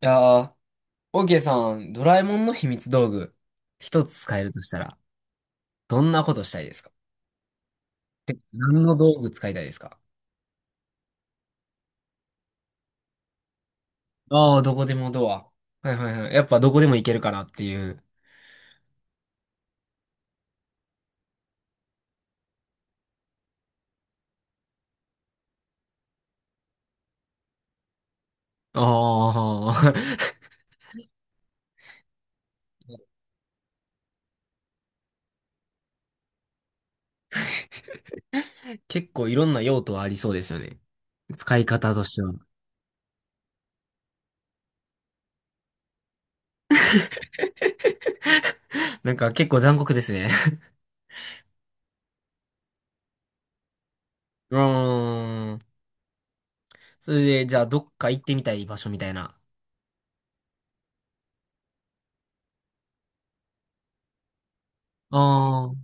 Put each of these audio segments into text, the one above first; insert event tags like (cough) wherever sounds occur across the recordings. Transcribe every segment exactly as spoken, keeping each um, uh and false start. いやー、オーケーさん、ドラえもんの秘密道具、一つ使えるとしたら、どんなことしたいですか？て何の道具使いたいですか？ああー、どこでもドア。はいはいはい。やっぱどこでも行けるかなっていう。ああ、(laughs) 結構いろんな用途はありそうですよね。使い方としては。(laughs) なんか結構残酷ですね。うーん。それで、じゃあどっか行ってみたい場所みたいな。ああ、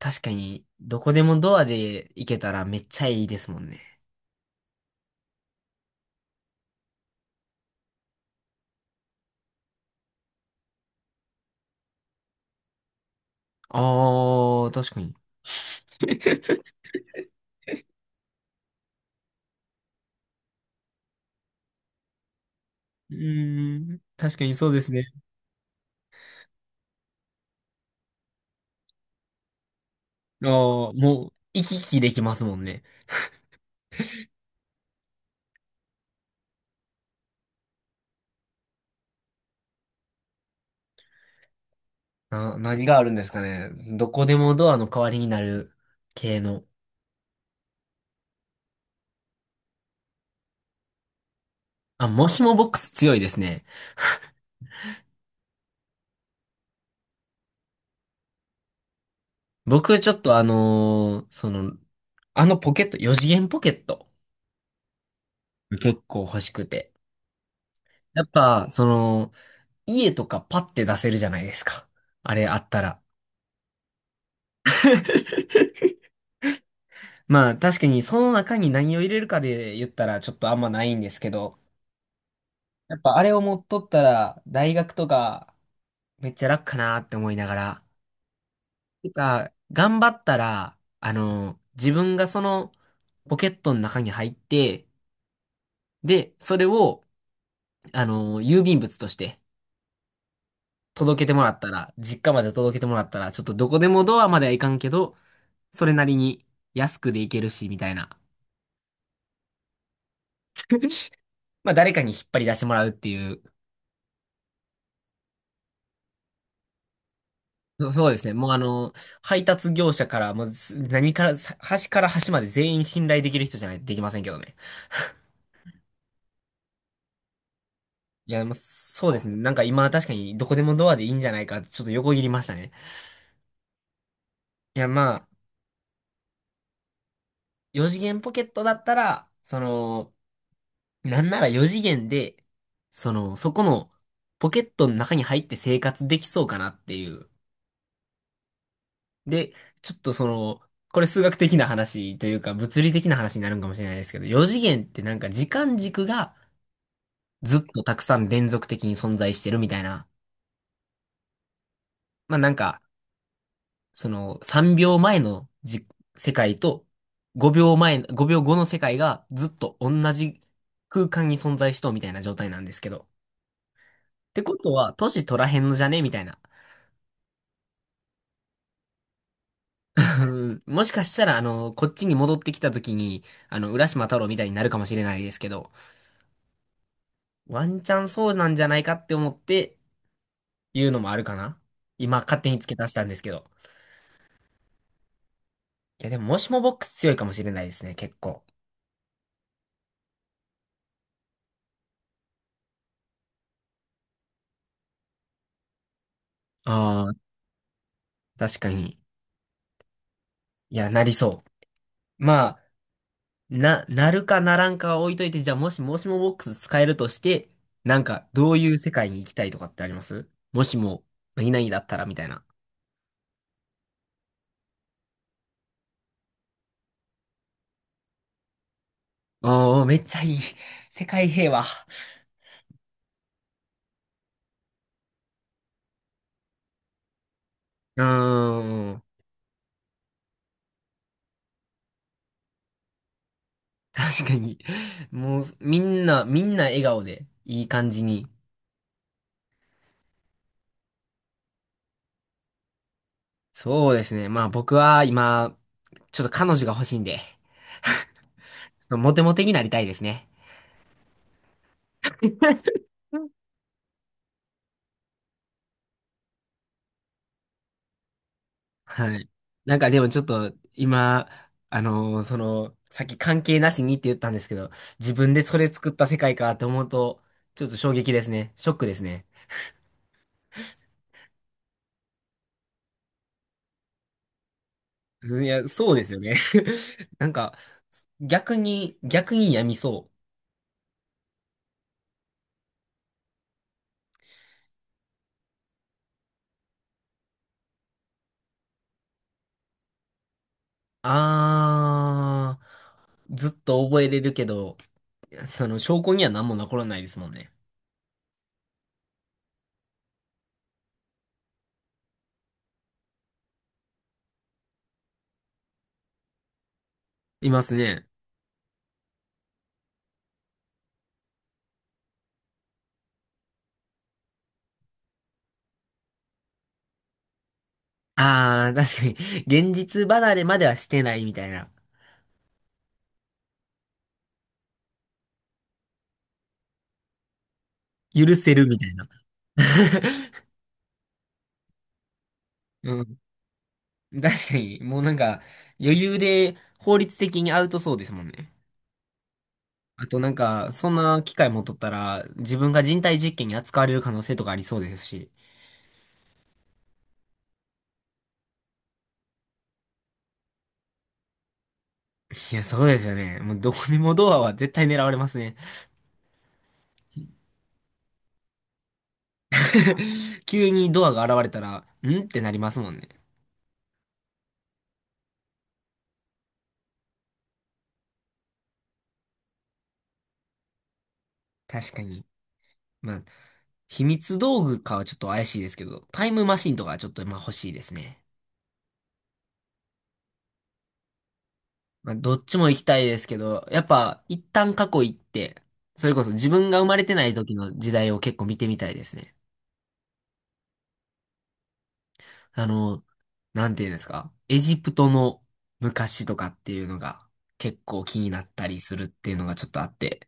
確かに、どこでもドアで行けたらめっちゃいいですもんね。ああ、確かに。(laughs) うーん、確かにそうですね。ああ、もう、行き来できますもんね。な、何があるんですかね。どこでもドアの代わりになる系の。あ、もしもボックス強いですね。僕、ちょっとあのーその、あのポケット、よ次元ポケット、結構欲しくて。やっぱ、その、家とかパッて出せるじゃないですか。あれあったら。まあ、確かにその中に何を入れるかで言ったらちょっとあんまないんですけど、やっぱあれを持っとったら、大学とか、めっちゃ楽かなって思いながら。てか、頑張ったら、あの、自分がその、ポケットの中に入って、で、それを、あの、郵便物として、届けてもらったら、実家まで届けてもらったら、ちょっとどこでもドアまではいかんけど、それなりに安くでいけるし、みたいな。(laughs) まあ、誰かに引っ張り出してもらうっていうそ (laughs) そうですね。もうあの、配達業者から、もうす何から、さ端から端まで全員信頼できる人じゃないとできませんけどね。いや、まあ、そうですね。なんか今確かにどこでもドアでいいんじゃないかってちょっと横切りましたね。いや、まあ、よ次元ポケットだったら、その、なんならよ次元で、その、そこのポケットの中に入って生活できそうかなっていう。で、ちょっとその、これ数学的な話というか物理的な話になるんかもしれないですけど、よ次元ってなんか時間軸が、ずっとたくさん連続的に存在してるみたいな。まあなんか、そのさんびょうまえのじ、世界とごびょうまえ、ごびょうごの世界がずっと同じ空間に存在しとうみたいな状態なんですけど。ってことは、年取らへんのじゃねみたいな。(laughs) もしかしたら、あの、こっちに戻ってきた時に、あの、浦島太郎みたいになるかもしれないですけど、ワンチャンそうなんじゃないかって思って言うのもあるかな今勝手に付け足したんですけど。いや、でも、もしもボックス強いかもしれないですね、結構。ああ、確かに。いや、なりそう。まあ、な、なるかならんかは置いといて、じゃあもしもしもボックス使えるとして、なんか、どういう世界に行きたいとかってありますもしも、何々だったらみたいな。ああ、めっちゃいい。世界平和。うーん。確かに。もう、みんな、みんな笑顔で、いい感じに。そうですね。まあ僕は今、ちょっと彼女が欲しいんで、ちょっとモテモテになりたいですね。はい。なんかでもちょっと今、あのーその、さっき関係なしにって言ったんですけど、自分でそれ作った世界かって思うと、ちょっと衝撃ですね。ショックですね。うんいや、そうですよね。(laughs) なんか、逆に、逆にやみそう。あー、ずっと覚えれるけど、その証拠には何も残らないですもんね。いますね。あー、確かに、現実離れまではしてないみたいな。許せるみたいな。(laughs) 確かに、もうなんか、余裕で法律的にアウトそうですもんね。あとなんか、そんな機会持っとったら、自分が人体実験に扱われる可能性とかありそうですし。いや、そうですよね。もうどこにもドアは絶対狙われますね。(laughs) 急にドアが現れたら、んってなりますもんね。確かに。まあ、秘密道具かはちょっと怪しいですけど、タイムマシンとかはちょっとまあ欲しいですね。まあ、どっちも行きたいですけど、やっぱ一旦過去行って、それこそ自分が生まれてない時の時代を結構見てみたいですね。あの、なんていうんですか、エジプトの昔とかっていうのが結構気になったりするっていうのがちょっとあって。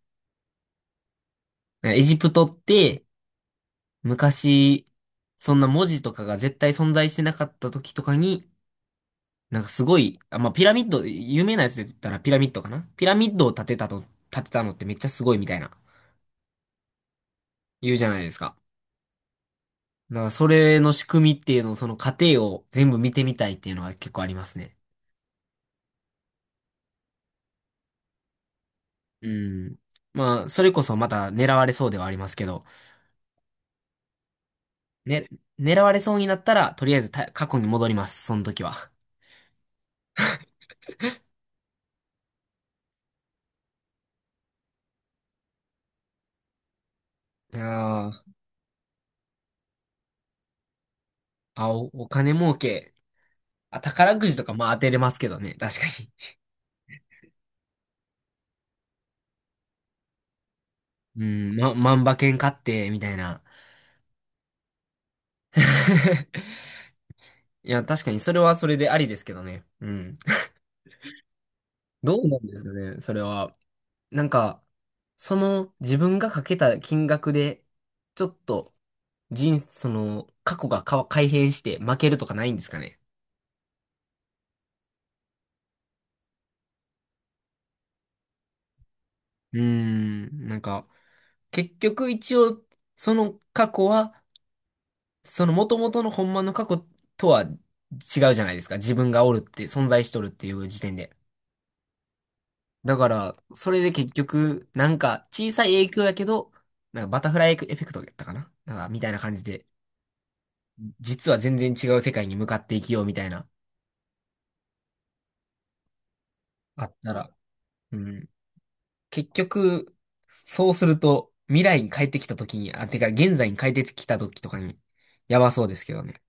エジプトって昔、そんな文字とかが絶対存在してなかった時とかに、なんかすごい、あ、まあ、ピラミッド、有名なやつで言ったらピラミッドかなピラミッドを建てたと、建てたのってめっちゃすごいみたいな、言うじゃないですか。だからそれの仕組みっていうのを、その過程を全部見てみたいっていうのが結構ありますね。うん。まあ、それこそまた狙われそうではありますけど、ね、狙われそうになったら、とりあえずた過去に戻ります、その時は。あー、あ、お、お金儲け。あ、宝くじとかまあ当てれますけどね、確かに。うん、ま、万馬券買って、みたいな。(laughs) いや、確かにそれはそれでありですけどね。うん。どうなんですかね、それは。なんか、その自分がかけた金額で、ちょっと人、その、過去がか改変して負けるとかないんですかね。うーん、なんか、結局一応、その過去は、その元々のほんまの過去とは違うじゃないですか。自分がおるって、存在しとるっていう時点で。だから、それで結局、なんか小さい影響やけど、なんかバタフライエフェクトやったかななんか、みたいな感じで、実は全然違う世界に向かっていきようみたいな。あったら。うん。結局、そうすると、未来に帰ってきた時に、あ、てか現在に帰ってきた時とかに、やばそうですけどね。